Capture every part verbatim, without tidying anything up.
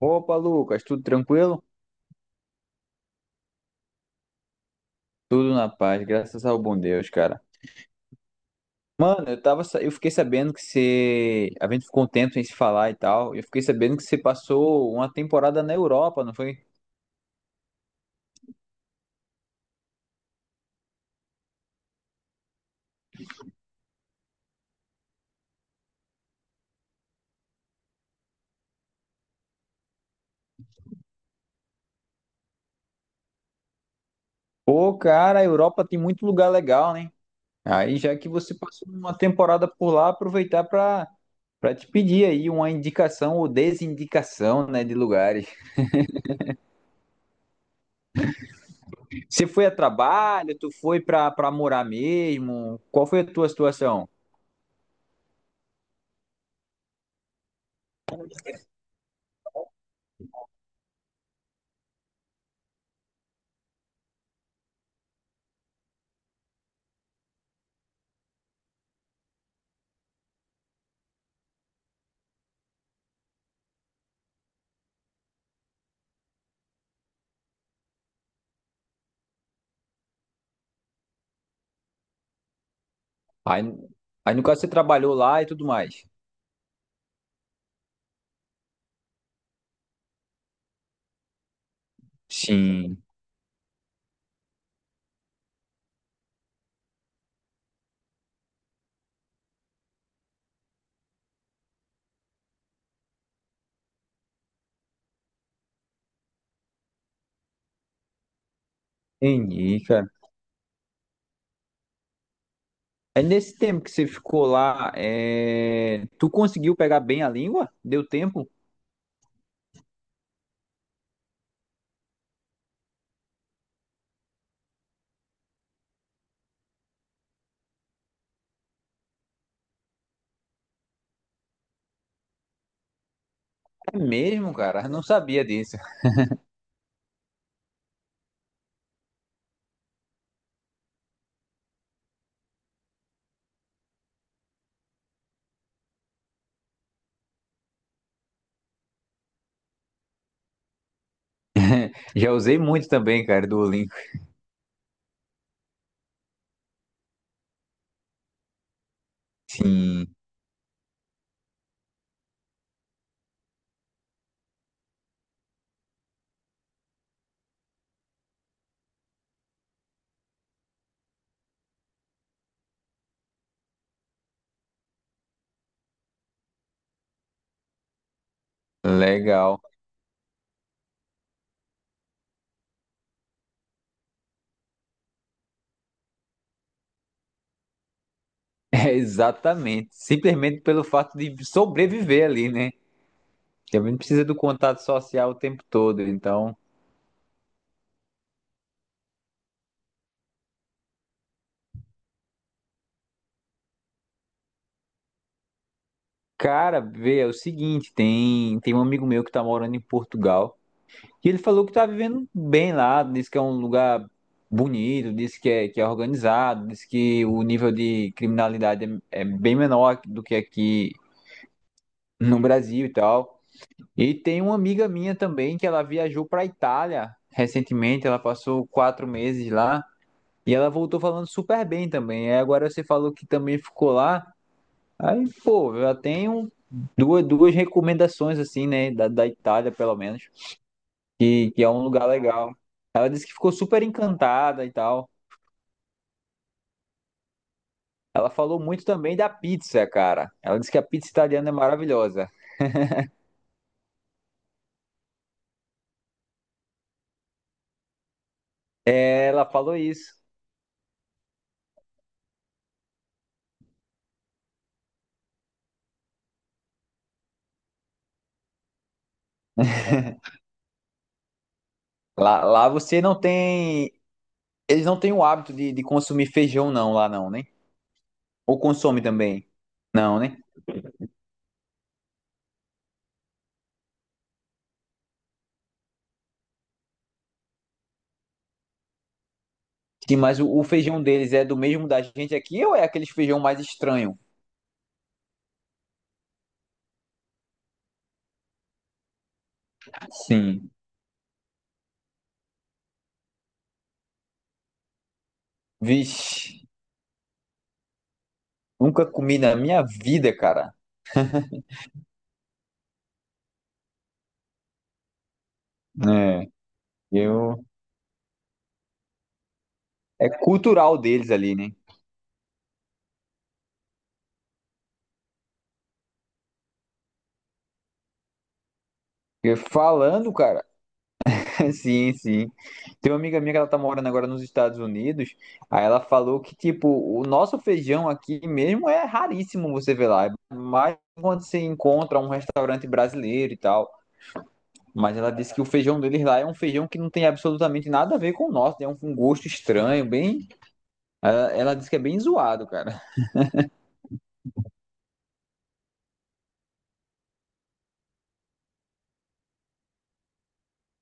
Opa, Lucas, tudo tranquilo? Tudo na paz, graças ao bom Deus, cara. Mano, eu tava, sa- eu fiquei sabendo que você, a gente ficou um tempo sem se falar e tal. Eu fiquei sabendo que você passou uma temporada na Europa, não foi? Pô, cara, a Europa tem muito lugar legal, né? Aí já que você passou uma temporada por lá, aproveitar pra para te pedir aí uma indicação ou desindicação, né, de lugares. Você foi a trabalho? Tu foi pra para morar mesmo? Qual foi a tua situação? Aí, aí no caso você trabalhou lá e tudo mais. Sim. Entendi, cara. Aí nesse tempo que você ficou lá, é, tu conseguiu pegar bem a língua? Deu tempo? É mesmo, cara. Eu não sabia disso. Já usei muito também, cara, do Duolingo. Sim. Legal. É, exatamente. Simplesmente pelo fato de sobreviver ali, né? Também precisa do contato social o tempo todo. Então, cara, vê, é o seguinte, tem, tem um amigo meu que tá morando em Portugal. E ele falou que tá vivendo bem lá, disse que é um lugar bonito, disse que é, que é organizado, disse que o nível de criminalidade é, é bem menor do que aqui no Brasil e tal. E tem uma amiga minha também que ela viajou pra Itália recentemente, ela passou quatro meses lá e ela voltou falando super bem também. Aí agora você falou que também ficou lá, aí pô, eu já tenho duas, duas recomendações assim, né, da, da Itália pelo menos. que, que é um lugar legal. Ela disse que ficou super encantada e tal. Ela falou muito também da pizza, cara. Ela disse que a pizza italiana é maravilhosa. Ela falou isso. Lá, lá você não tem. Eles não têm o hábito de, de consumir feijão, não, lá não, né? Ou consome também? Não, né? Sim, mas o, o feijão deles é do mesmo da gente aqui ou é aquele feijão mais estranho? Sim. Vixe, nunca comi na minha vida, cara. É, eu. É cultural deles ali, né? E falando, cara. Sim, sim. Tem uma amiga minha que ela tá morando agora nos Estados Unidos. Aí ela falou que, tipo, o nosso feijão aqui mesmo é raríssimo você ver lá. Mas quando você encontra um restaurante brasileiro e tal. Mas ela disse que o feijão deles lá é um feijão que não tem absolutamente nada a ver com o nosso. Tem um um gosto estranho, bem. Ela, ela disse que é bem zoado, cara.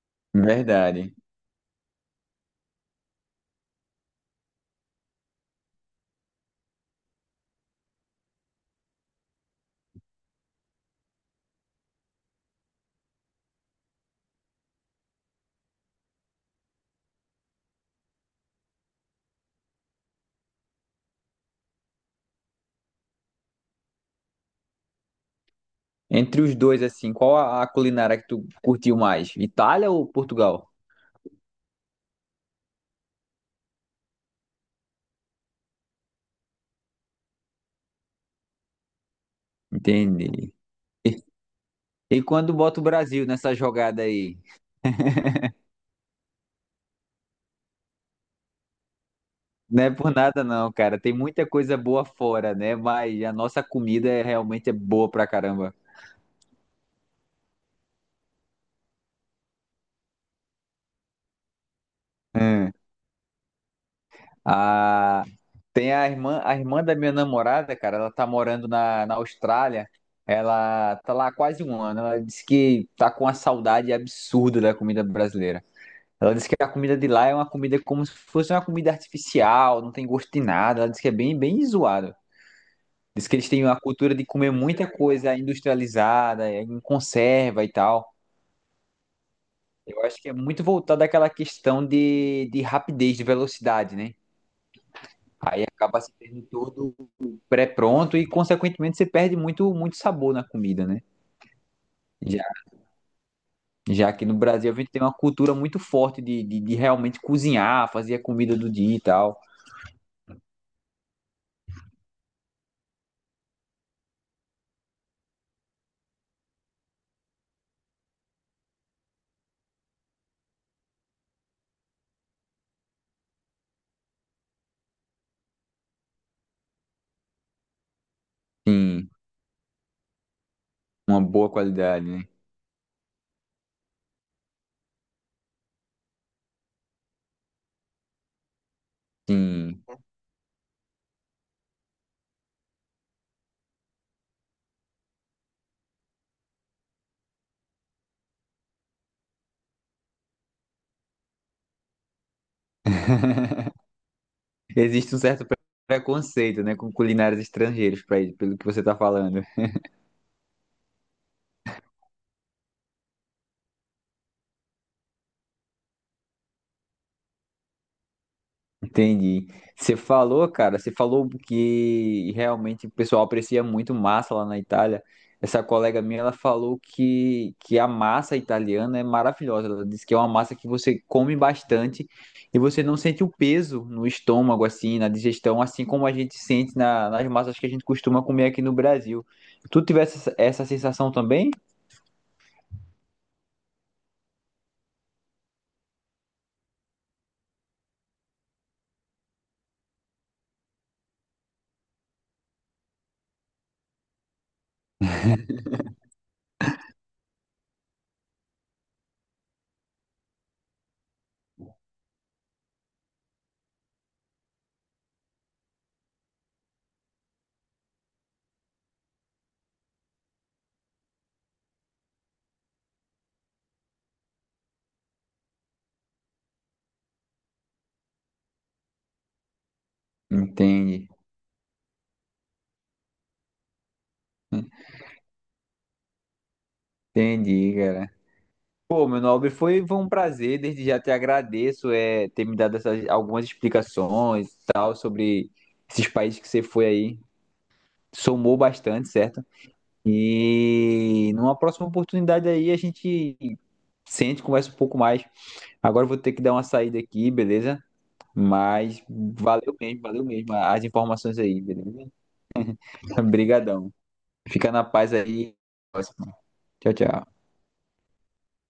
Verdade. Entre os dois, assim, qual a a culinária que tu curtiu mais? Itália ou Portugal? Entendi. E quando bota o Brasil nessa jogada aí? Não é por nada não, cara. Tem muita coisa boa fora, né? Mas a nossa comida é, realmente é boa pra caramba. Hum. Ah, tem a irmã, a irmã da minha namorada, cara. Ela tá morando na, na Austrália. Ela tá lá há quase um ano. Ela disse que tá com uma saudade absurda da comida brasileira. Ela disse que a comida de lá é uma comida como se fosse uma comida artificial, não tem gosto de nada. Ela disse que é bem, bem zoado. Diz que eles têm uma cultura de comer muita coisa industrializada, em conserva e tal. Eu acho que é muito voltado àquela questão de, de rapidez, de velocidade, né? Aí acaba se tendo tudo pré-pronto e, consequentemente, você perde muito, muito sabor na comida, né? Já, já que no Brasil a gente tem uma cultura muito forte de, de, de realmente cozinhar, fazer a comida do dia e tal. Sim, uma boa qualidade, né? Sim. Existe um certo pre- preconceito, né, com culinários estrangeiros, pra, pelo que você tá falando. Entendi. Você falou, cara, você falou que realmente o pessoal aprecia muito massa lá na Itália. Essa colega minha, ela falou que, que a massa italiana é maravilhosa. Ela disse que é uma massa que você come bastante e você não sente o peso no estômago, assim, na digestão, assim como a gente sente na- nas massas que a gente costuma comer aqui no Brasil. Tu tivesse essa essa sensação também? Entendi. Entendi, cara. Pô, meu nobre, foi, foi um prazer, desde já te agradeço é, ter me dado essas, algumas explicações e tal sobre esses países que você foi aí. Somou bastante, certo? E numa próxima oportunidade aí a gente sente, conversa um pouco mais. Agora eu vou ter que dar uma saída aqui, beleza? Mas valeu mesmo, valeu mesmo as informações aí, beleza? Obrigadão. Fica na paz aí. Até a próxima. Tchau, tchau.